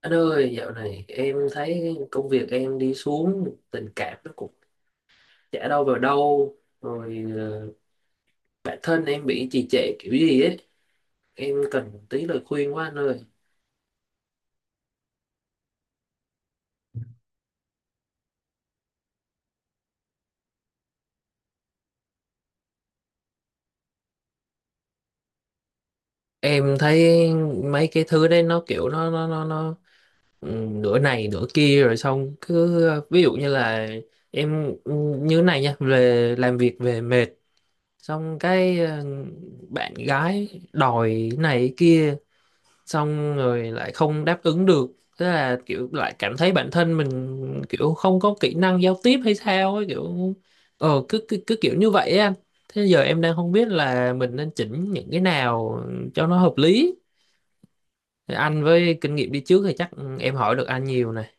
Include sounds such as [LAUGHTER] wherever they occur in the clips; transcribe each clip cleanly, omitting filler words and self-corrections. Anh ơi, dạo này em thấy công việc em đi xuống, tình cảm nó cũng chả đâu vào đâu, rồi bản thân em bị trì trệ kiểu gì ấy, em cần tí lời khuyên quá anh ơi. Em thấy mấy cái thứ đấy nó kiểu nó ừ, nửa này nửa kia rồi xong cứ ví dụ như là em ừ, như này nha, về làm việc về mệt, xong cái ờ, bạn gái đòi này kia xong rồi lại không đáp ứng được, tức là kiểu lại cảm thấy bản thân mình kiểu không có kỹ năng giao tiếp hay sao ấy, kiểu ờ cứ cứ, cứ kiểu như vậy á anh, thế giờ em đang không biết là mình nên chỉnh những cái nào cho nó hợp lý, anh với kinh nghiệm đi trước thì chắc em hỏi được anh nhiều này.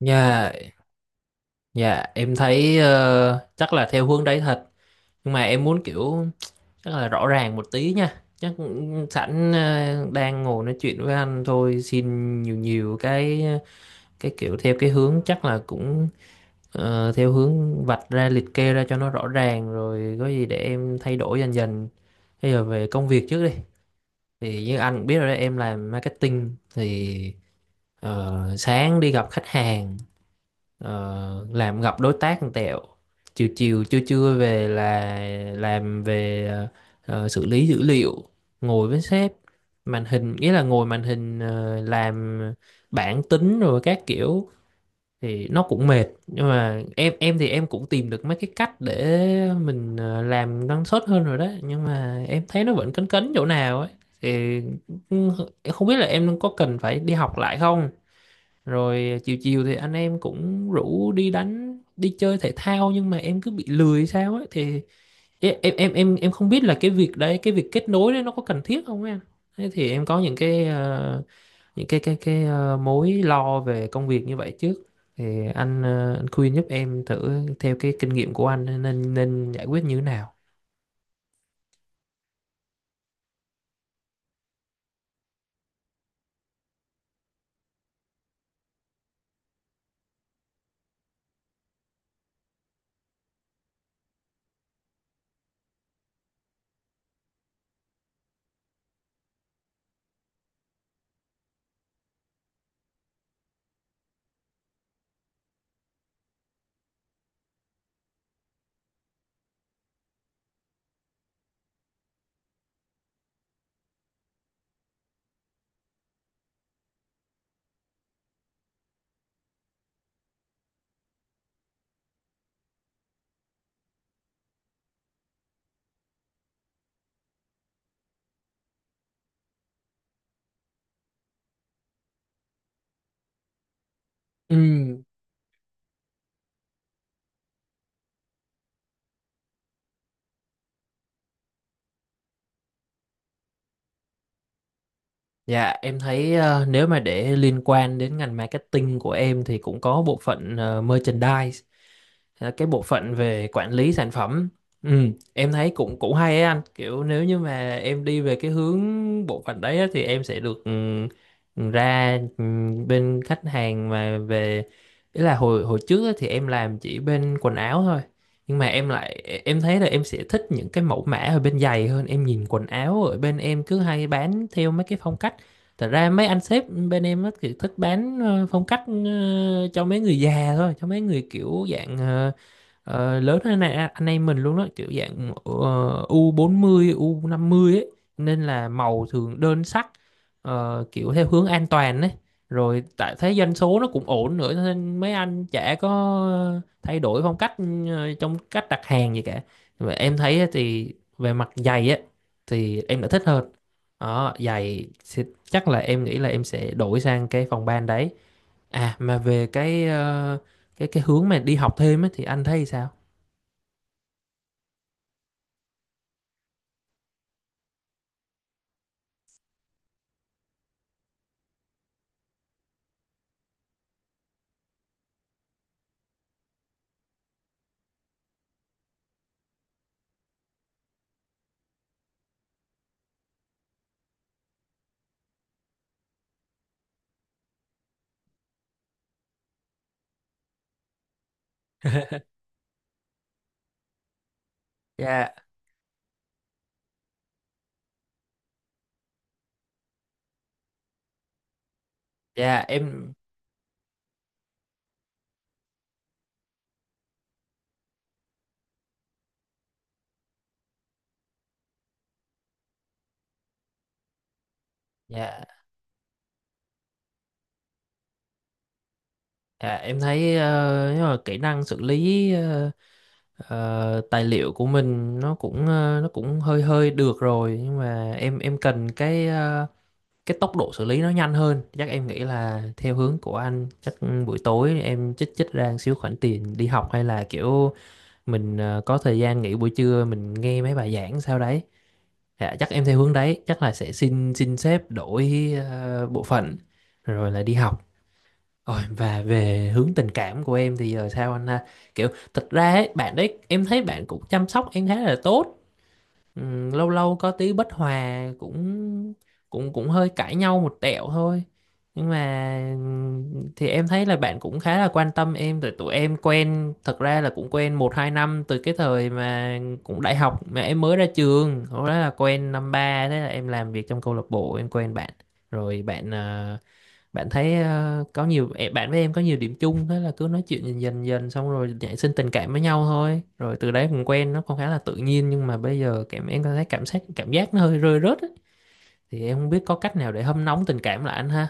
Dạ, dạ, em thấy chắc là theo hướng đấy thật, nhưng mà em muốn kiểu chắc là rõ ràng một tí nha, chắc sẵn đang ngồi nói chuyện với anh thôi xin nhiều nhiều cái kiểu theo cái hướng chắc là cũng theo hướng vạch ra liệt kê ra cho nó rõ ràng rồi có gì để em thay đổi dần dần. Bây giờ về công việc trước đi, thì như anh cũng biết rồi đấy, em làm marketing thì sáng đi gặp khách hàng, làm gặp đối tác một tẹo, chiều chiều trưa trưa về là làm về xử lý dữ liệu, ngồi với sếp, màn hình, nghĩa là ngồi màn hình làm bảng tính rồi các kiểu, thì nó cũng mệt, nhưng mà em thì em cũng tìm được mấy cái cách để mình làm năng suất hơn rồi đó, nhưng mà em thấy nó vẫn cấn cấn chỗ nào ấy, thì cũng- em không biết là em có cần phải đi học lại không, rồi chiều chiều thì anh em cũng rủ đi đánh đi chơi thể thao nhưng mà em cứ bị lười sao ấy, thì em không biết là cái việc đấy, cái việc kết nối đấy nó có cần thiết không em. Thế thì em có những cái những cái mối lo về công việc như vậy trước, thì anh khuyên giúp em thử theo cái kinh nghiệm của anh nên nên giải quyết như thế nào. Ừ, dạ, em thấy nếu mà để liên quan đến ngành marketing của em thì cũng có bộ phận merchandise, cái bộ phận về quản lý sản phẩm. Ừ, em thấy cũng cũng hay ấy anh. Kiểu nếu như mà em đi về cái hướng bộ phận đấy á, thì em sẽ được ừ, ra ừ, bên khách hàng mà về, ý là hồi hồi trước á, thì em làm chỉ bên quần áo thôi. Nhưng mà em thấy là em sẽ thích những cái mẫu mã ở bên giày hơn. Em nhìn quần áo ở bên em cứ hay bán theo mấy cái phong cách. Thật ra mấy anh sếp bên em á, kiểu, thích bán, phong cách, cho mấy người già thôi, cho mấy người, kiểu, dạng, ờ, lớn hơn này anh em mình luôn đó, kiểu dạng u bốn mươi U50 ấy, nên là màu thường đơn sắc, kiểu theo hướng an toàn ấy, rồi tại thế doanh số nó cũng ổn nữa nên mấy anh chả có thay đổi phong cách trong cách đặt hàng gì cả. Và em thấy á thì về mặt giày á thì em đã thích hơn, đó giày, thì chắc là em nghĩ là em sẽ đổi sang cái phòng ban đấy. À mà về cái hướng mà đi học thêm ấy, thì anh thấy sao? [LAUGHS] dạ dạ em dạ dạ em thấy nếu mà kỹ năng xử lý tài liệu của mình nó cũng nó cũng hơi hơi được rồi, nhưng mà em cần cái tốc độ xử lý nó nhanh hơn, chắc em nghĩ là theo hướng của anh, chắc buổi tối em chích chích ra một xíu khoản tiền đi học, hay là kiểu mình có thời gian nghỉ buổi trưa mình nghe mấy bài giảng sau đấy. Dạ, chắc em theo hướng đấy, chắc là sẽ xin xin sếp đổi bộ phận rồi là đi học. Rồi, và về hướng tình cảm của em thì giờ sao anh ha, kiểu thật ra ấy, bạn đấy em thấy bạn cũng chăm sóc em khá là tốt. Ừ, lâu lâu có tí bất hòa cũng cũng cũng hơi cãi nhau một tẹo thôi, nhưng mà ừ, thì em thấy là bạn cũng khá là quan tâm em rồi. Tụi em quen thật ra là cũng quen một hai năm từ cái thời mà cũng đại học, mà em mới ra trường lúc đó là quen năm ba, thế là em làm việc trong câu lạc bộ em quen bạn, rồi bạn thấy có nhiều bạn với em có nhiều điểm chung, thế là cứ nói chuyện dần dần dần xong rồi nảy sinh tình cảm với nhau thôi, rồi từ đấy cũng quen, nó cũng khá là tự nhiên, nhưng mà bây giờ cảm em có thấy cảm giác nó hơi rơi rớt ấy. Thì em không biết có cách nào để hâm nóng tình cảm lại anh ha.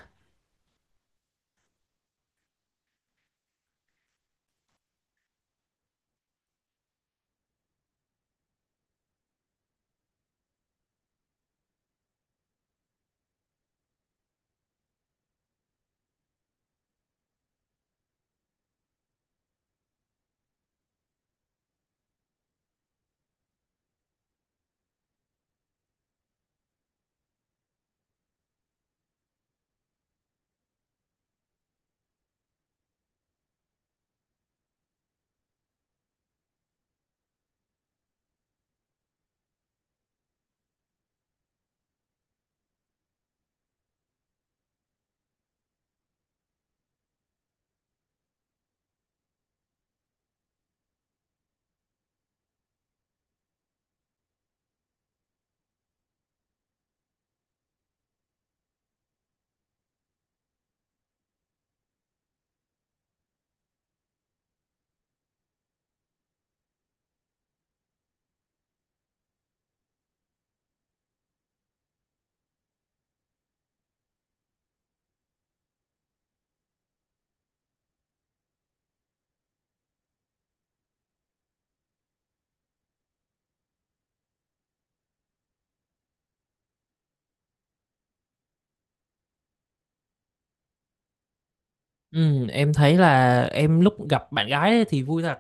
Ừ, em thấy là em lúc gặp bạn gái ấy thì vui thật,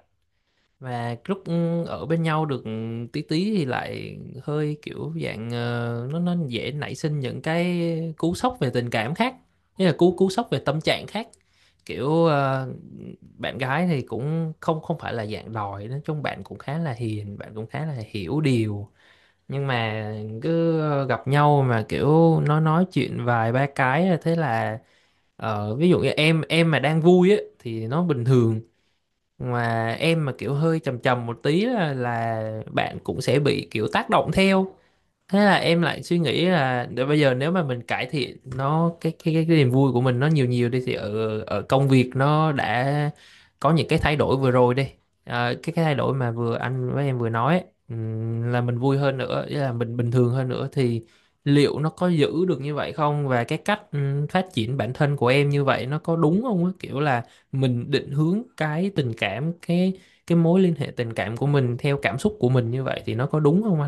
và lúc ở bên nhau được tí tí thì lại hơi kiểu dạng nó dễ nảy sinh những cái cú sốc về tình cảm khác, như là cú cú sốc về tâm trạng khác, kiểu bạn gái thì cũng không không phải là dạng đòi, nói chung bạn cũng khá là hiền, bạn cũng khá là hiểu điều, nhưng mà cứ gặp nhau mà kiểu nó nói chuyện vài ba cái là thế là ví dụ như em mà đang vui á thì nó bình thường, mà em mà kiểu hơi trầm trầm một tí là bạn cũng sẽ bị kiểu tác động theo, thế là em lại suy nghĩ là để bây giờ nếu mà mình cải thiện nó cái niềm vui của mình nó nhiều nhiều đi, thì ở ở công việc nó đã có những cái thay đổi vừa rồi đi. Ờ, cái thay đổi mà vừa anh với em vừa nói ấy, là mình vui hơn nữa, ý là mình bình thường hơn nữa thì liệu nó có giữ được như vậy không, và cái cách phát triển bản thân của em như vậy nó có đúng không á, kiểu là mình định hướng cái tình cảm, cái mối liên hệ tình cảm của mình theo cảm xúc của mình như vậy thì nó có đúng không?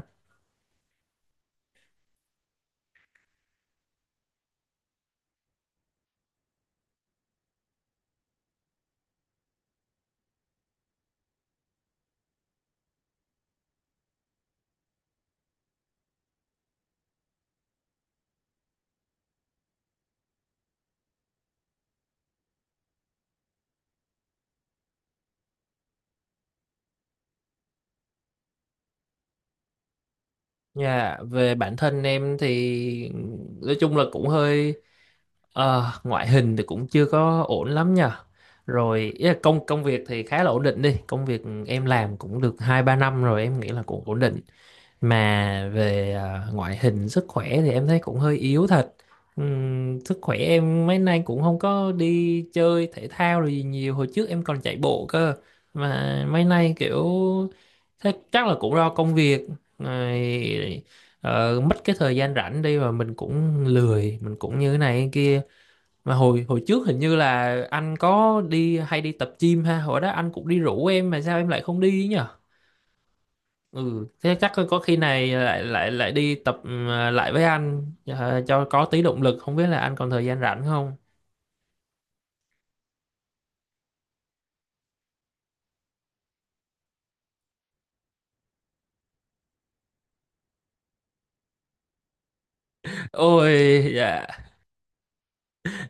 Dạ, về bản thân em thì nói chung là cũng hơi ngoại hình thì cũng chưa có ổn lắm nha. Rồi ý là công công việc thì khá là ổn định đi, công việc em làm cũng được 2 3 năm rồi, em nghĩ là cũng ổn định, mà về à, ngoại hình sức khỏe thì em thấy cũng hơi yếu thật. Sức khỏe em mấy nay cũng không có đi chơi thể thao rồi gì nhiều, hồi trước em còn chạy bộ cơ, mà mấy nay kiểu thế, chắc là cũng do công việc rồi mất cái thời gian rảnh đi, và mình cũng lười mình cũng như thế này thế kia. Mà hồi hồi trước hình như là anh có đi hay đi tập gym ha, hồi đó anh cũng đi rủ em mà sao em lại không đi nhỉ, ừ thế chắc có khi này lại lại lại đi tập ừ, lại với anh cho có tí động lực, không biết là anh còn thời gian rảnh không? [LAUGHS] Ôi dạ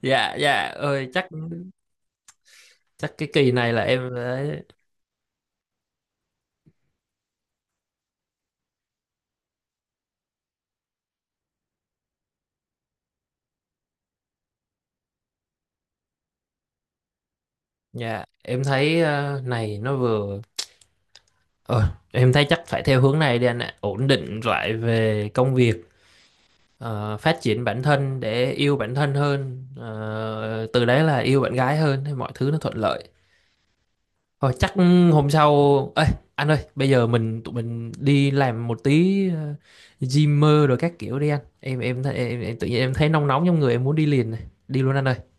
dạ dạ ơi chắc chắc cái kỳ này là em phải- dạ em thấy này nó vừa ờ, em thấy chắc phải theo hướng này đi anh ạ, ổn định lại về công việc, ờ, phát triển bản thân để yêu bản thân hơn, từ đấy là yêu bạn gái hơn thì mọi thứ nó thuận lợi. Thôi chắc hôm sau. Ê anh ơi, bây giờ tụi mình đi làm một tí gym mơ rồi các kiểu đi anh, em tự nhiên em thấy nóng nóng trong người, em muốn đi liền này, đi luôn anh ơi.